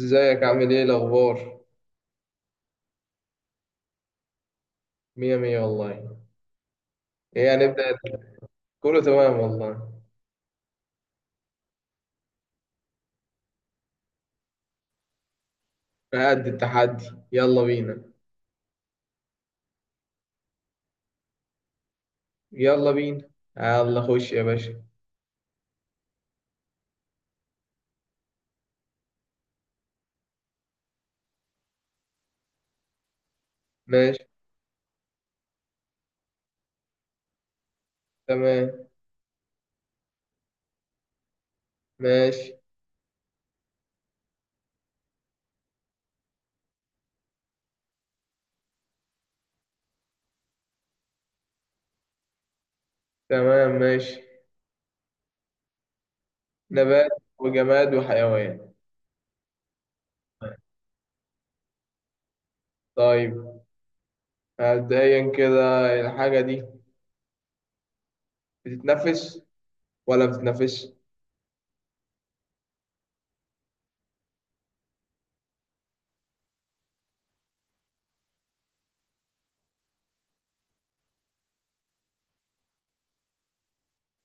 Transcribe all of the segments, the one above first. ازيك؟ عامل ايه؟ الاخبار؟ مية مية والله. ايه هنبدأ؟ كله تمام والله. قد التحدي. يلا بينا. يلا بينا. يلا خش يا باشا. ماشي. تمام. ماشي. تمام. ماشي. نبات وجماد وحيوان. طيب، مبدئيا كده الحاجة دي بتتنفس ولا بتتنفس؟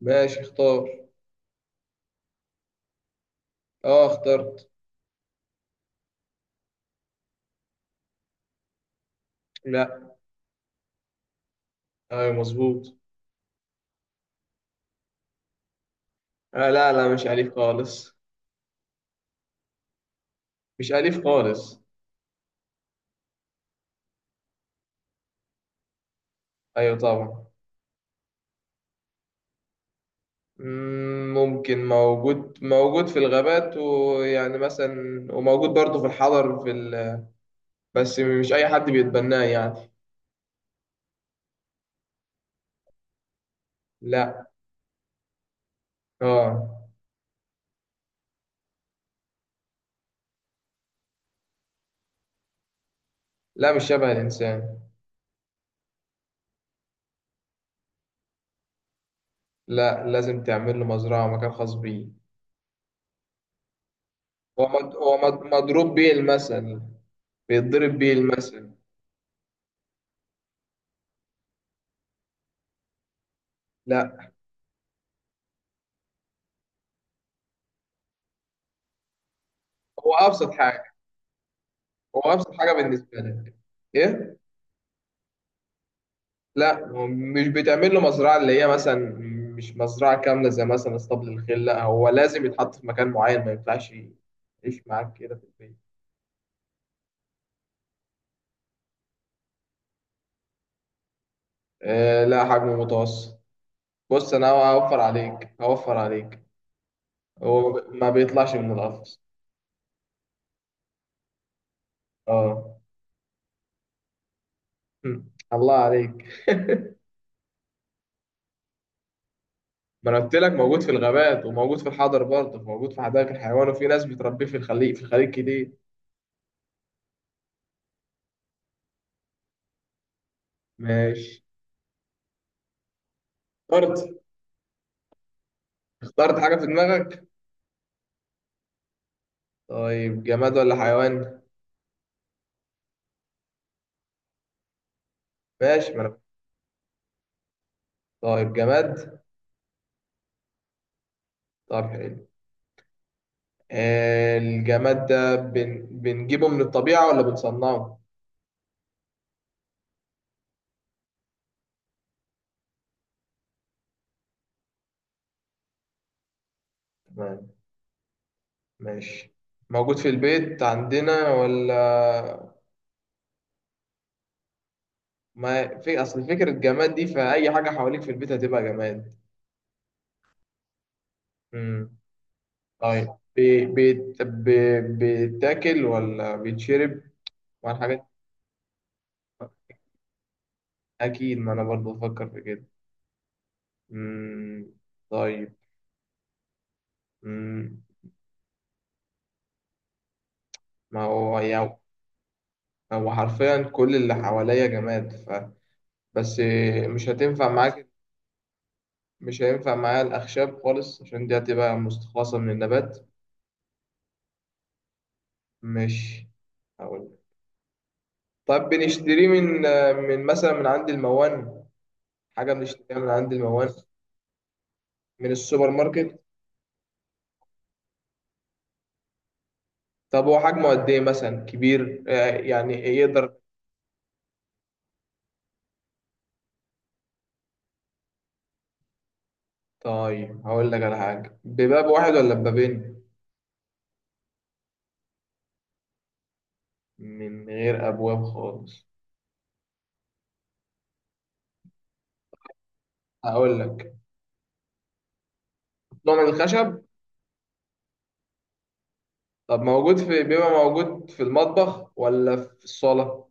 ماشي، اختار. اه اخترت. لا. ايوه مظبوط. آه لا، لا مش أليف خالص. مش أليف خالص. ايوه طبعا. ممكن موجود في الغابات، ويعني مثلا وموجود برضه في الحضر في بس مش أي حد بيتبناه يعني. لا. اه. لا مش شبه الإنسان. لا لازم تعمل له مزرعة ومكان خاص بيه. مضروب بيه المثل، بيتضرب بيه المثل. لا. هو أبسط حاجة. هو أبسط حاجة بالنسبة لك. إيه؟ لا هو مش بتعمل له مزرعة اللي هي مثلا، مش مزرعة كاملة زي مثلا اسطبل الخيل. لا هو لازم يتحط في مكان معين، ما ينفعش يعيش معاك كده في البيت. آه لا، حجمه متوسط. بص أنا هوفر عليك، هوفر عليك. هو ما بيطلعش من القفص. اه. هم. الله عليك. ما انا قلت لك موجود في الغابات، وموجود في الحضر برضه، موجود في حدائق الحيوان، وفي ناس بتربيه في الخليج، في الخليج كتير. ماشي. اخترت. اخترت حاجة في دماغك. طيب جماد ولا حيوان؟ ماشي، ما انا. طيب جماد. طب حلو. الجماد ده بنجيبه من الطبيعة ولا بنصنعه؟ تمام. ماشي. موجود في البيت عندنا ولا؟ ما في أصل فكرة جماد دي، فأي حاجة حواليك في البيت هتبقى جماد. مم. طيب، بيتاكل ولا بيتشرب ولا حاجات؟ أكيد، ما أنا برضه بفكر في كده. مم. طيب. مم. ما هو يعني هو حرفيا كل اللي حواليا جماد، ف بس مش هتنفع معاك. مش هينفع معايا الأخشاب خالص، عشان دي هتبقى مستخلصة من النبات. مش هقول. طب بنشتريه من، من مثلا من عند الموان؟ حاجة بنشتريها من عند الموان؟ من السوبر ماركت؟ طب هو حجمه قد إيه؟ مثلا كبير يعني يقدر؟ طيب هقول لك على حاجة، بباب واحد ولا ببابين؟ من غير أبواب خالص. هقول لك، نوع من الخشب. طب موجود في، بيبقى موجود في المطبخ ولا في الصالة؟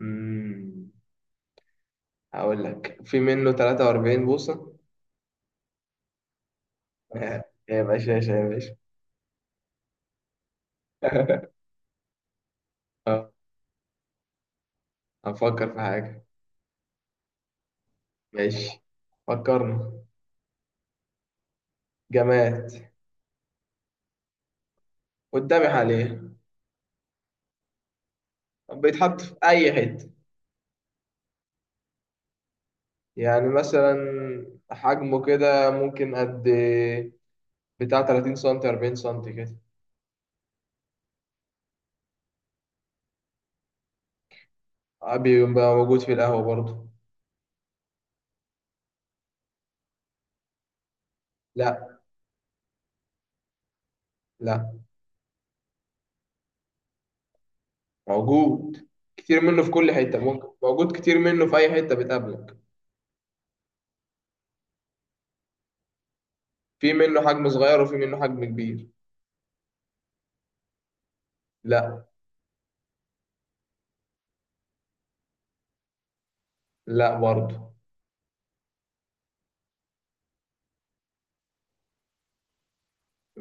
مم. هقول لك في منه 43 بوصة. آه. يا باشا يا باشا يا باشا. آه، هنفكر في حاجة. ماشي. فكرنا. جماد. قدامي حاليا. بيتحط في أي حتة. يعني مثلا حجمه كده ممكن قد بتاع 30 سنتي، 40 سنتي كده. بيبقى موجود في القهوة برضه. لا. لا. موجود كتير منه في كل حتة، ممكن موجود كتير منه في أي حتة بتقابلك. في منه حجم صغير وفي منه حجم كبير. لا. لا برضه.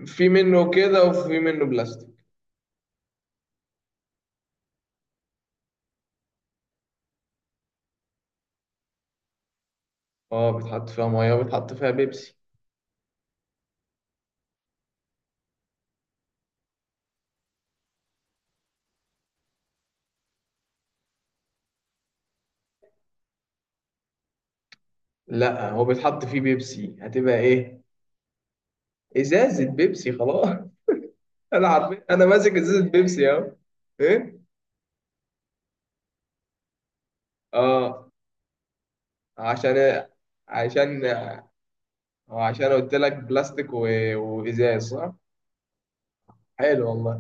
في منه كده وفي منه بلاستيك. اه بيتحط فيها ميه وبيتحط فيها بيبسي. لا هو بيتحط فيه بيبسي، هتبقى ايه؟ ازازه بيبسي خلاص. انا عارف، انا ماسك ازازه بيبسي اهو. ايه. اه. عشان، عشان، عشان قلت لك بلاستيك وازاز صح. حلو والله.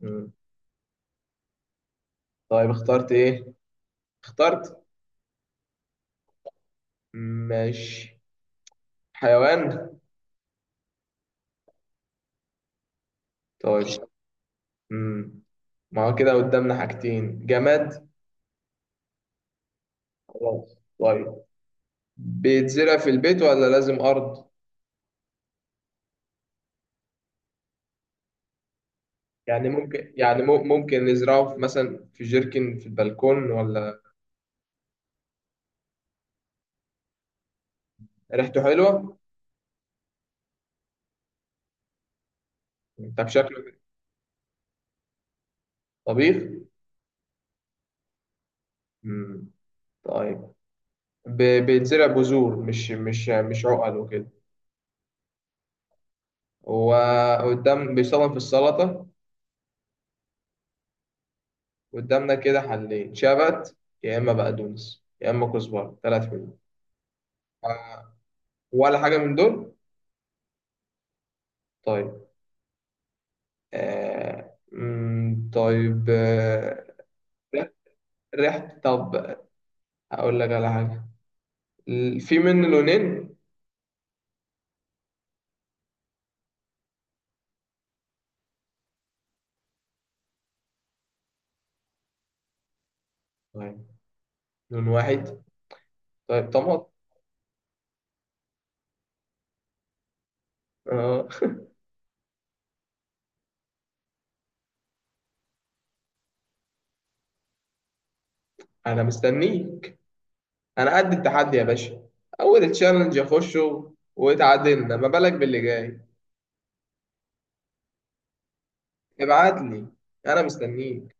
مم. طيب اخترت ايه؟ اخترت. ماشي. حيوان. طيب. مم. ما هو كده قدامنا حاجتين، جماد. خلاص طيب. بيتزرع في البيت ولا لازم أرض؟ يعني ممكن، يعني ممكن نزرعه في مثلا في جيركن في البلكون ولا؟ ريحته حلوة؟ طب شكله. طبيخ؟ مم. طيب بيتزرع بذور، مش عقل وكده. وقدام بيستخدم في السلطة. قدامنا كده حلين، شبت يا إما بقدونس يا إما كزبرة، ثلاث منهم. ولا حاجة من دول؟ طيب. آه... طيب آه... ريحة طب. هقول لك على حاجة، في منه لونين. طيب لون واحد. طيب طماط. اه. انا مستنيك. انا قد التحدي يا باشا. اول تشالنج اخشه واتعادلنا، ما بالك باللي جاي. ابعت لي. انا مستنيك.